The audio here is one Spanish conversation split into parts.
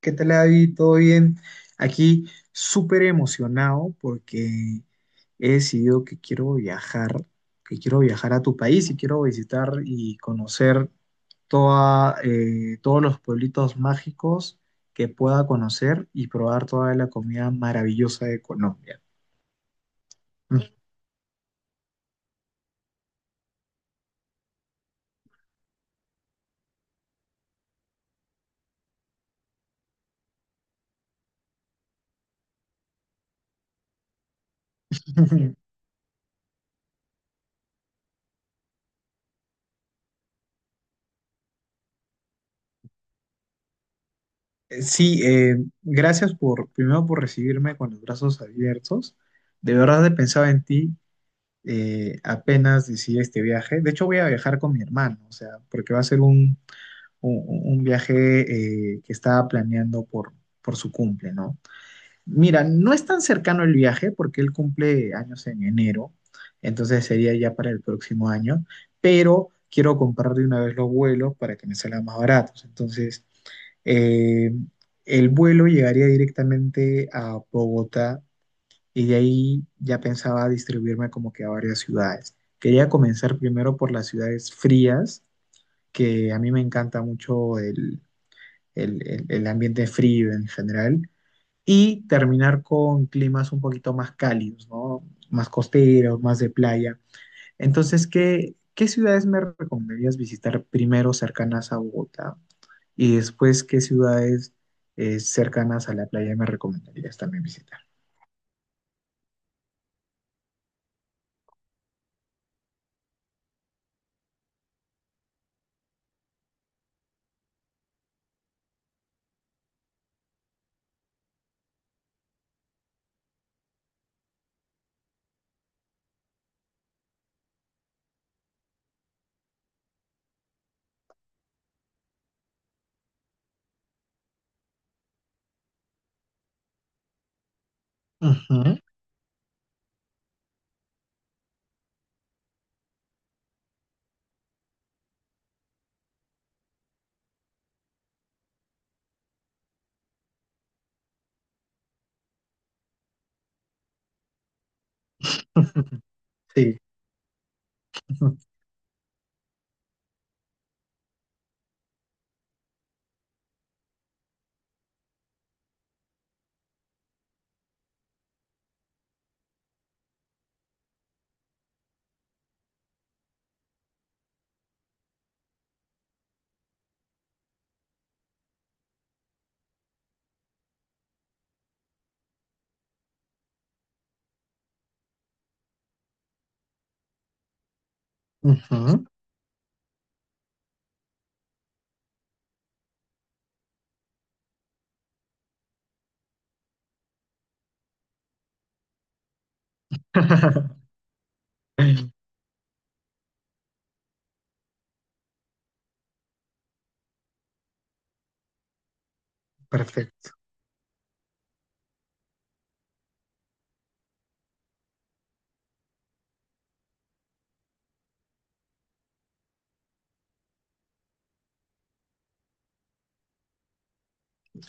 ¿Qué tal, David? ¿Todo bien? Aquí súper emocionado porque he decidido que quiero viajar a tu país y quiero visitar y conocer todos los pueblitos mágicos que pueda conocer y probar toda la comida maravillosa de Colombia. Sí, gracias primero por recibirme con los brazos abiertos. De verdad he pensado en ti apenas decida este viaje. De hecho, voy a viajar con mi hermano, o sea, porque va a ser un, un viaje que estaba planeando por su cumple, ¿no? Mira, no es tan cercano el viaje porque él cumple años en enero, entonces sería ya para el próximo año, pero quiero comprar de una vez los vuelos para que me salgan más baratos. Entonces, eh, el vuelo llegaría directamente a Bogotá y de ahí ya pensaba distribuirme como que a varias ciudades. Quería comenzar primero por las ciudades frías, que a mí me encanta mucho el ambiente frío en general, y terminar con climas un poquito más cálidos, ¿no? Más costeros, más de playa. Entonces, ¿qué, qué ciudades me recomendarías visitar primero cercanas a Bogotá? Y después, ¿qué ciudades cercanas a la playa me recomendarías también visitar? Ujú. Sí. Ujú. Perfecto.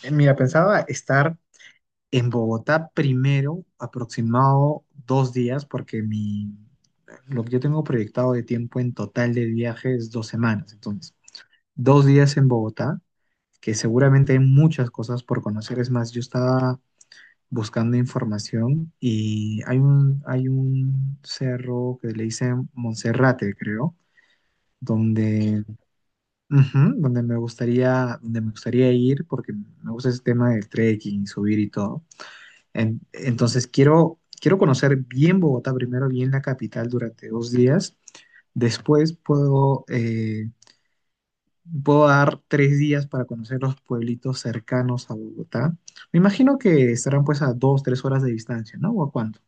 Mira, pensaba estar en Bogotá primero, aproximado 2 días, porque mi, lo que yo tengo proyectado de tiempo en total de viaje es 2 semanas. Entonces, dos días en Bogotá, que seguramente hay muchas cosas por conocer. Es más, yo estaba buscando información y hay un cerro que le dicen Monserrate, creo, donde Ujú, donde me gustaría ir porque me gusta ese tema del trekking, subir y todo. Entonces quiero conocer bien Bogotá primero, bien la capital durante 2 días. Después puedo dar 3 días para conocer los pueblitos cercanos a Bogotá. Me imagino que estarán pues a 2, 3 horas de distancia, ¿no? ¿O a cuánto?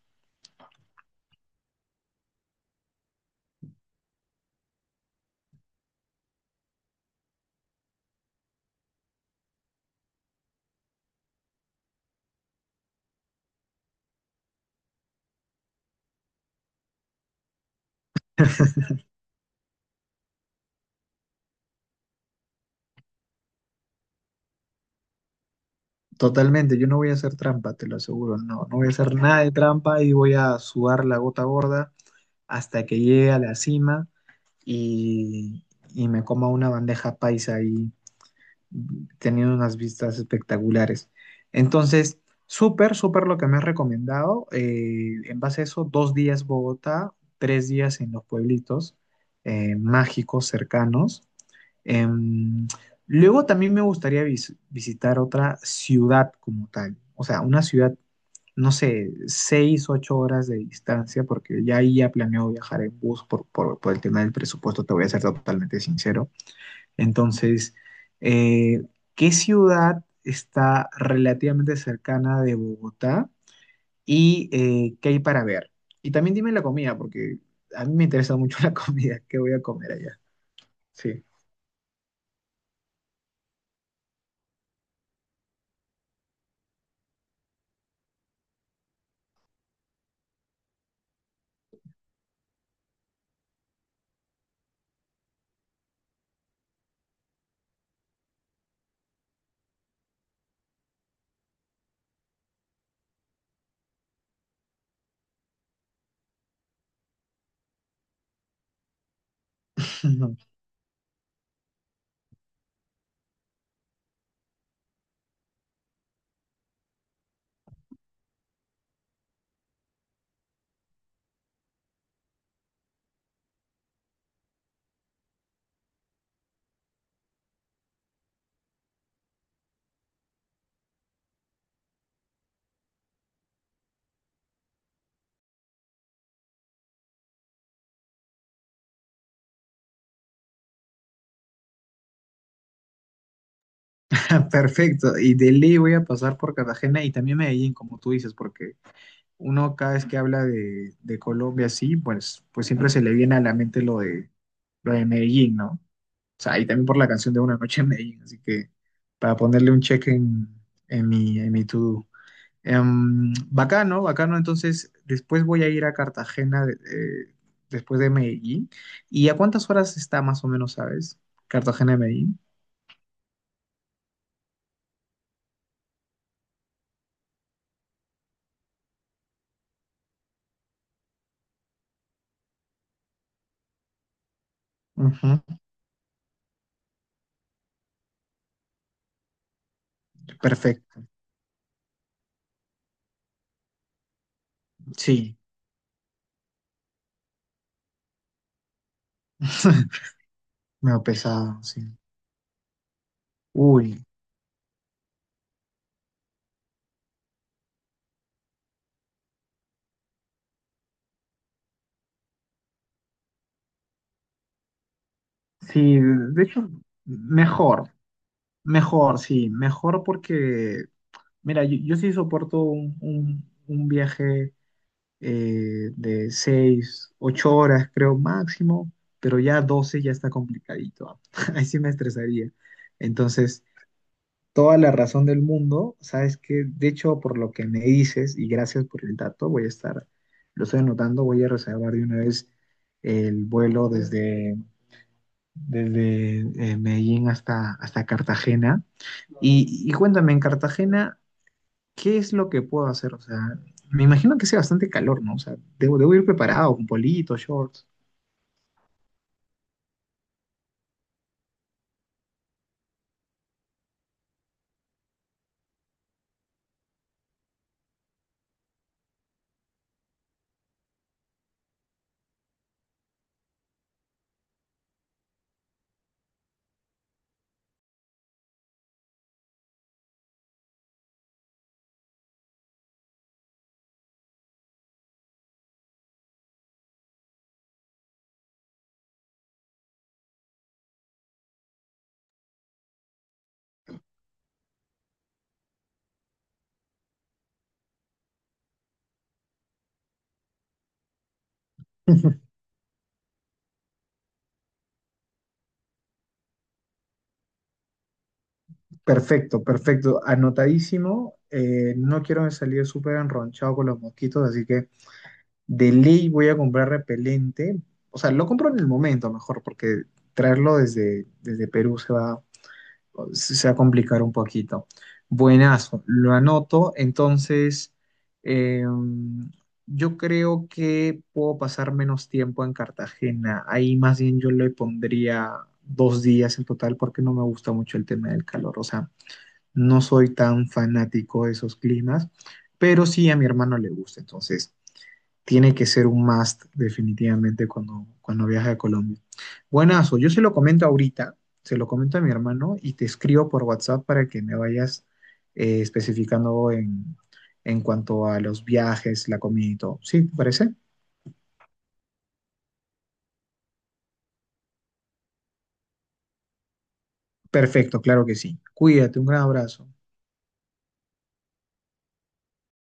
Totalmente, yo no voy a hacer trampa, te lo aseguro, no, no voy a hacer nada de trampa y voy a sudar la gota gorda hasta que llegue a la cima y, y me coma una bandeja paisa ahí, teniendo unas vistas espectaculares. Entonces, súper, súper lo que me has recomendado. En base a eso, 2 días Bogotá, 3 días en los pueblitos mágicos cercanos. Em, luego también me gustaría visitar otra ciudad como tal, o sea, una ciudad, no sé, 6, 8 horas de distancia, porque ya ahí ya planeo viajar en bus por el tema del presupuesto, te voy a ser totalmente sincero. Entonces, eh, ¿qué ciudad está relativamente cercana de Bogotá y qué hay para ver? Y también dime la comida, porque a mí me interesa mucho la comida, ¿qué voy a comer allá? Sí. Perfecto, y de ley voy a pasar por Cartagena y también Medellín, como tú dices, porque uno cada vez que habla de Colombia sí pues, pues siempre se le viene a la mente lo de Medellín, ¿no? O sea, y también por la canción de Una Noche en Medellín, así que para ponerle un check en mi to-do. Bacano, bacano, entonces después voy a ir a Cartagena después de Medellín. ¿Y a cuántas horas está más o menos, sabes? Cartagena de Medellín. Ujú, perfecto, sí. Medio pesado, sí. Uy, sí, de hecho, mejor, mejor, sí, mejor porque, mira, yo sí soporto un viaje de 6, 8 horas, creo, máximo, pero ya 12 ya está complicadito. Ah. Ahí sí me estresaría. Entonces, toda la razón del mundo, sabes que, de hecho, por lo que me dices, y gracias por el dato, voy a estar, lo estoy anotando, voy a reservar de una vez el vuelo desde. desde Medellín hasta Cartagena. Y cuéntame, en Cartagena, ¿qué es lo que puedo hacer? O sea, me imagino que sea bastante calor, ¿no? O sea, debo ir preparado con politos, shorts. Perfecto, perfecto. Anotadísimo. No quiero salir súper enronchado con los mosquitos, así que de ley voy a comprar repelente. O sea, lo compro en el momento mejor, porque traerlo desde Perú se va a complicar un poquito. Buenazo, lo anoto. Entonces, eh, yo creo que puedo pasar menos tiempo en Cartagena. Ahí más bien yo le pondría 2 días en total porque no me gusta mucho el tema del calor. O sea, no soy tan fanático de esos climas, pero sí a mi hermano le gusta. Entonces, tiene que ser un must definitivamente cuando viaje a Colombia. Buenazo, yo se lo comento ahorita, se lo comento a mi hermano y te escribo por WhatsApp para que me vayas especificando en cuanto a los viajes, la comida y todo. ¿Sí? ¿Te parece? Perfecto, claro que sí. Cuídate, un gran abrazo.